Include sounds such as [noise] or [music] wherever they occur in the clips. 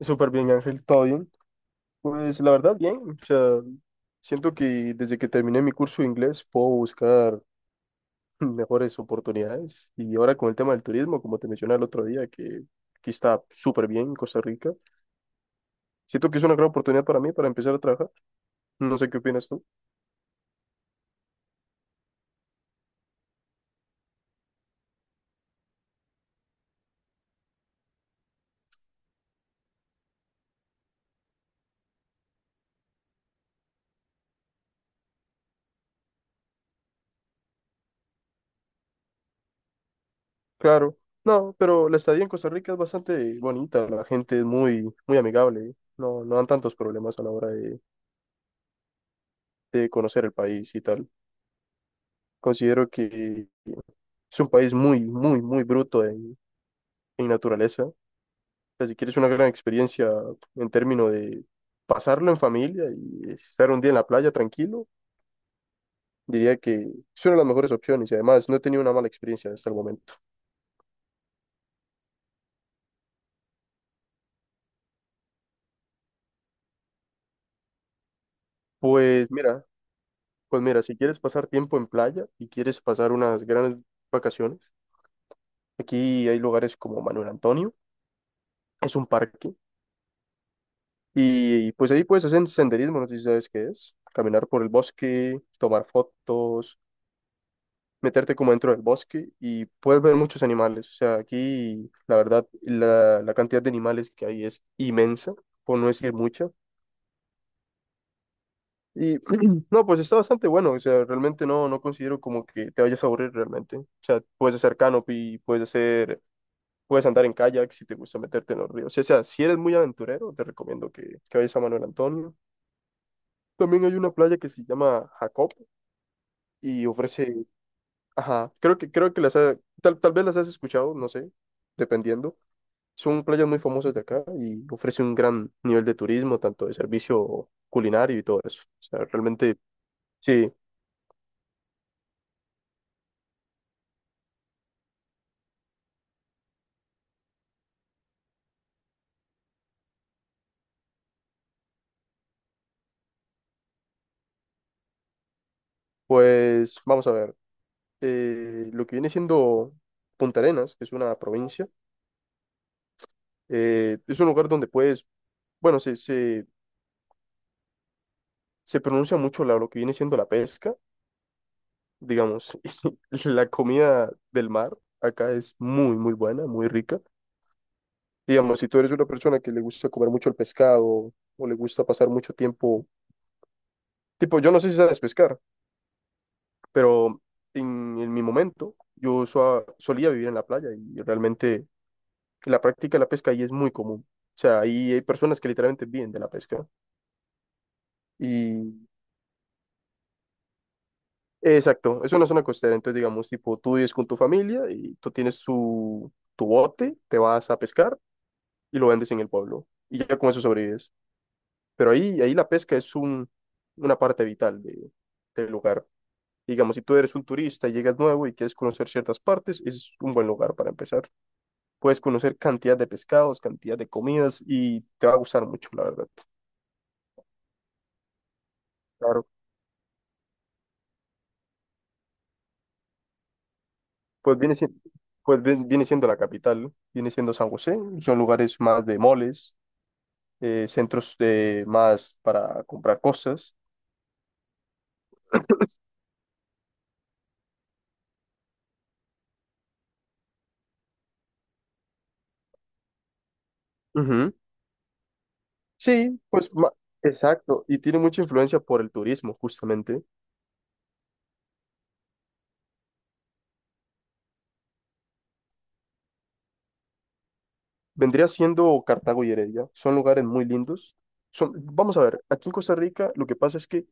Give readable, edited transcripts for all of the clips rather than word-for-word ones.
Súper bien, Ángel, todo bien. Pues la verdad, bien. O sea, siento que desde que terminé mi curso de inglés puedo buscar [laughs] mejores oportunidades. Y ahora con el tema del turismo, como te mencioné el otro día, que aquí está súper bien en Costa Rica. Siento que es una gran oportunidad para mí para empezar a trabajar. No sé qué opinas tú. Claro. No, pero la estadía en Costa Rica es bastante bonita. La gente es muy, muy amigable. No dan tantos problemas a la hora de conocer el país y tal. Considero que. Es un país muy, muy, muy bruto en naturaleza. O sea, si quieres una gran experiencia en términos de pasarlo en familia y estar un día en la playa tranquilo, diría que es una de las mejores opciones y además no he tenido una mala experiencia hasta el momento. Pues mira, pues mira, si quieres pasar tiempo en playa y quieres pasar unas grandes vacaciones, aquí hay lugares como Manuel Antonio, es un parque y pues ahí puedes hacer senderismo, no sé si sabes qué es, caminar por el bosque, tomar fotos, meterte como dentro del bosque y puedes ver muchos animales. O sea, aquí la verdad la cantidad de animales que hay es inmensa, por no decir mucha. Y [clears throat] no, pues está bastante bueno. O sea, realmente no considero como que te vayas a aburrir realmente. O sea, puedes hacer canopy, puedes andar en kayak si te gusta meterte en los ríos. O sea, si eres muy aventurero, te recomiendo que vayas a Manuel Antonio. También hay una playa que se llama Jacob y ofrece, ajá, creo que tal vez las has escuchado, no sé, dependiendo. Es un player muy famoso de acá y ofrece un gran nivel de turismo, tanto de servicio culinario y todo eso. O sea, realmente, sí, pues vamos a ver. Lo que viene siendo Punta Arenas, que es una provincia, es un lugar donde bueno, se pronuncia mucho lo que viene siendo la pesca, digamos, [laughs] la comida del mar acá es muy, muy buena, muy rica. Digamos, si tú eres una persona que le gusta comer mucho el pescado o le gusta pasar mucho tiempo, tipo, yo no sé si sabes pescar. Pero en mi momento yo solía vivir en la playa y realmente la práctica de la pesca ahí es muy común. O sea, ahí hay personas que literalmente viven de la pesca. Y exacto, es una zona costera, entonces digamos, tipo, tú vives con tu familia y tú tienes tu bote, te vas a pescar y lo vendes en el pueblo y ya con eso sobrevives. Pero ahí la pesca es una parte vital del lugar. Digamos, si tú eres un turista y llegas nuevo y quieres conocer ciertas partes, es un buen lugar para empezar. Puedes conocer cantidad de pescados, cantidad de comidas y te va a gustar mucho, la verdad. Claro, pues viene siendo, pues viene siendo la capital, ¿no? Viene siendo San José, son lugares más de moles, centros de más para comprar cosas. Ujú. Sí, exacto, y tiene mucha influencia por el turismo, justamente. Vendría siendo Cartago y Heredia, son lugares muy lindos. Vamos a ver, aquí en Costa Rica lo que pasa es que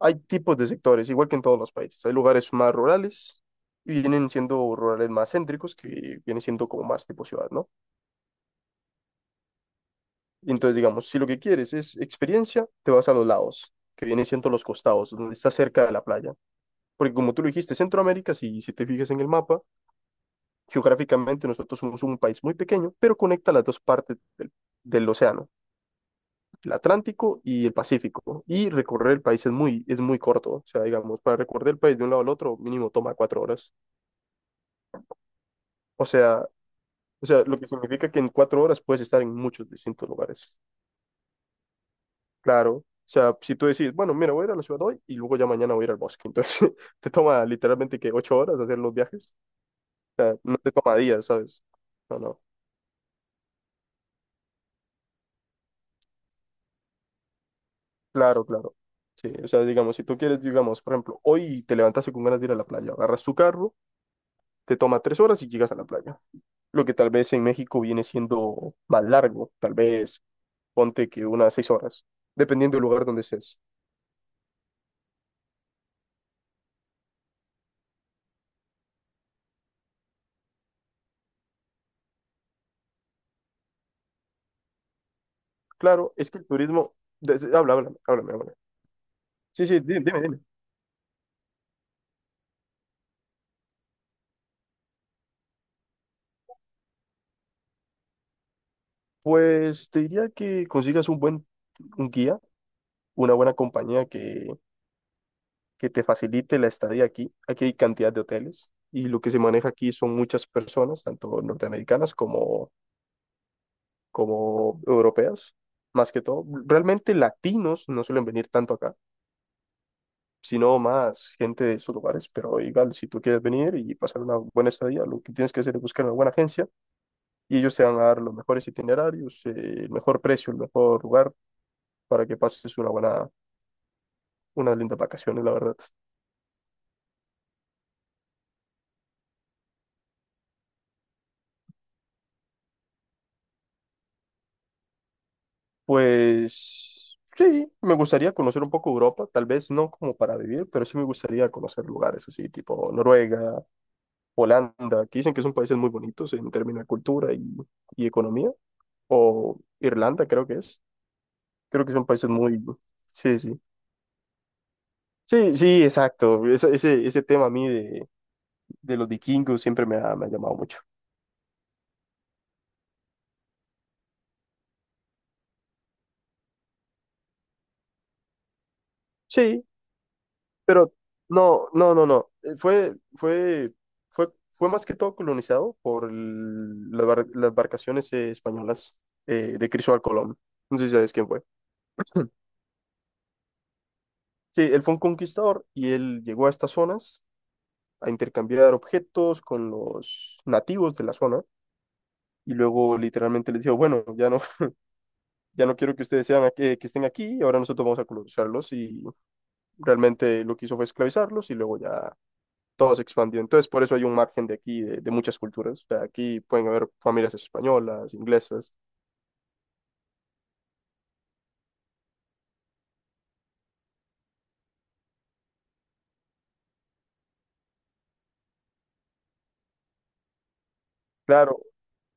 hay tipos de sectores, igual que en todos los países. Hay lugares más rurales y vienen siendo rurales más céntricos, que vienen siendo como más tipo ciudad, ¿no? Y entonces, digamos, si lo que quieres es experiencia, te vas a los lados, que vienen siendo los costados, donde está cerca de la playa. Porque como tú lo dijiste, Centroamérica, si te fijas en el mapa, geográficamente nosotros somos un país muy pequeño, pero conecta las dos partes del océano, el Atlántico y el Pacífico. Y recorrer el país es muy corto. O sea, digamos, para recorrer el país de un lado al otro, mínimo toma 4 horas. O sea, o sea, lo que significa que en 4 horas puedes estar en muchos distintos lugares. Claro. O sea, si tú decís, bueno, mira, voy a ir a la ciudad hoy y luego ya mañana voy a ir al bosque. Entonces, [laughs] te toma literalmente que 8 horas hacer los viajes. O sea, no te toma días, ¿sabes? No, no. Claro, claro. Sí, o sea, digamos, si tú quieres, digamos, por ejemplo, hoy te levantaste con ganas de ir a la playa, agarras tu carro, te toma 3 horas y llegas a la playa. Lo que tal vez en México viene siendo más largo, tal vez ponte que unas 6 horas, dependiendo del lugar donde estés. Claro, es que el turismo. Habla, háblame. Sí, sí, dime, dime, dime. Pues te diría que consigas un guía, una buena compañía que te facilite la estadía aquí. Aquí hay cantidad de hoteles y lo que se maneja aquí son muchas personas, tanto norteamericanas como europeas, más que todo. Realmente latinos no suelen venir tanto acá, sino más gente de sus lugares, pero igual, si tú quieres venir y pasar una buena estadía, lo que tienes que hacer es buscar una buena agencia y ellos te van a dar los mejores itinerarios, el mejor precio, el mejor lugar para que pases unas lindas vacaciones, la verdad. Pues sí, me gustaría conocer un poco Europa, tal vez no como para vivir, pero sí me gustaría conocer lugares así, tipo Noruega, Holanda, que dicen que son países muy bonitos en términos de cultura y economía, o Irlanda, creo que es. Creo que son países muy. Sí, sí. Sí, sí, exacto. Ese tema a mí de los vikingos siempre me ha llamado mucho. Sí. Pero no, no, no, no. Fue más que todo colonizado por las embarcaciones españolas de Cristóbal Colón. No sé si sabes quién fue. [clears throat] Sí, él fue un conquistador y él llegó a estas zonas a intercambiar objetos con los nativos de la zona y luego literalmente les dijo, bueno, ya no, [laughs] ya no quiero que ustedes que estén aquí, ahora nosotros vamos a colonizarlos y realmente lo que hizo fue esclavizarlos y luego ya todo se expandió. Entonces, por eso hay un margen de aquí, de muchas culturas. O sea, aquí pueden haber familias españolas, inglesas. Claro,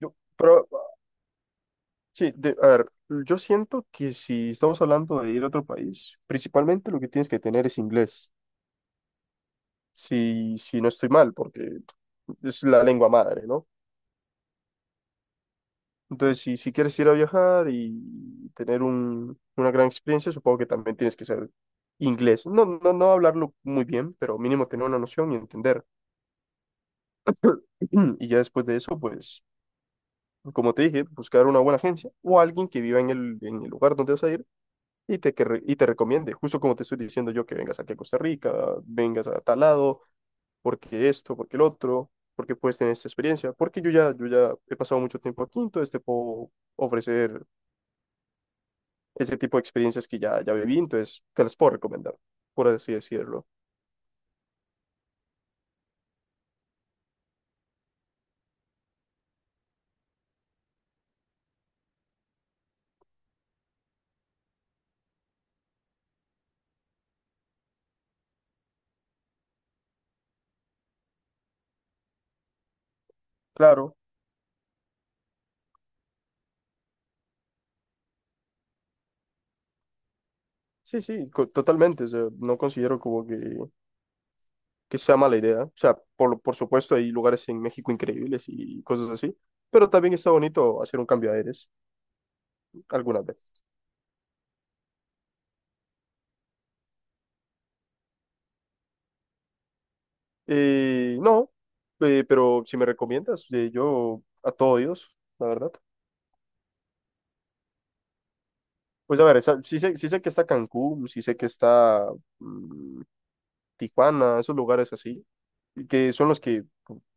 pero sí, a ver, yo siento que si estamos hablando de ir a otro país, principalmente lo que tienes que tener es inglés. Si no estoy mal, porque es la lengua madre, ¿no? Entonces, si quieres ir a viajar y tener una gran experiencia, supongo que también tienes que saber inglés. No, no, no hablarlo muy bien, pero mínimo tener una noción y entender. [clears throat] Y ya después de eso, pues como te dije, buscar una buena agencia o alguien que viva en el lugar donde vas a ir y te recomiende, justo como te estoy diciendo yo, que vengas aquí a Costa Rica, vengas a tal lado, porque esto, porque el otro, porque puedes tener esta experiencia, porque yo ya he pasado mucho tiempo aquí, entonces te puedo ofrecer ese tipo de experiencias que ya viví, entonces te las puedo recomendar, por así decirlo. Claro, sí, sí, totalmente, o sea, no considero como que sea mala idea. O sea, por supuesto hay lugares en México increíbles y cosas así, pero también está bonito hacer un cambio de aires algunas veces. No, pero si me recomiendas, yo a todo Dios, la verdad. Pues a ver, sí sé que está Cancún, sí sé que está mm, Tijuana, esos lugares así, y que son los que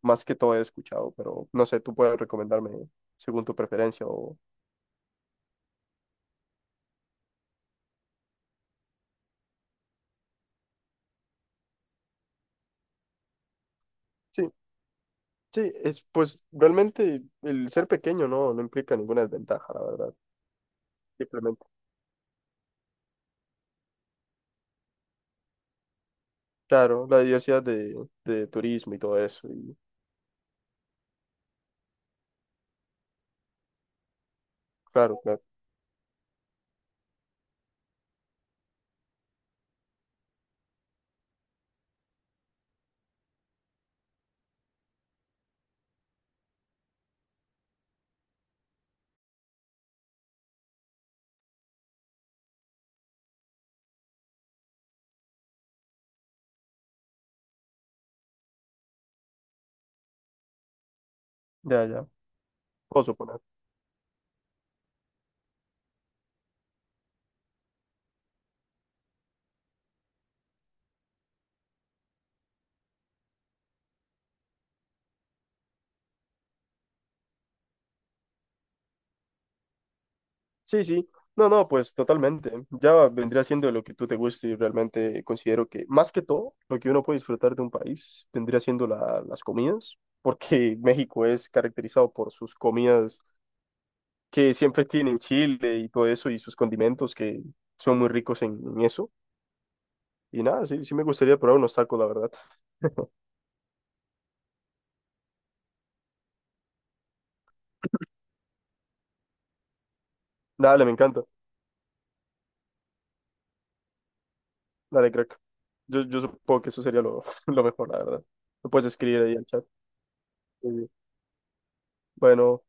más que todo he escuchado, pero no sé, tú puedes recomendarme según tu preferencia o. Sí, sí, es pues realmente el ser pequeño no implica ninguna desventaja, la verdad. Simplemente, claro, la diversidad de turismo y todo eso. Y, claro, claro. Ya, ya. Puedo suponer. Sí, sí. No, no, pues totalmente. Ya vendría siendo lo que tú te guste y realmente considero que, más que todo, lo que uno puede disfrutar de un país vendría siendo las comidas, porque [laughs] México es caracterizado por sus comidas que siempre tienen chile y todo eso y sus condimentos que son muy ricos en eso. Y nada, sí, sí me gustaría probar unos tacos, la verdad. Dale, me encanta. Dale, crack. Yo supongo que eso sería lo, [laughs] lo mejor, la verdad. Lo puedes escribir ahí en el chat. Muy bien. Bueno.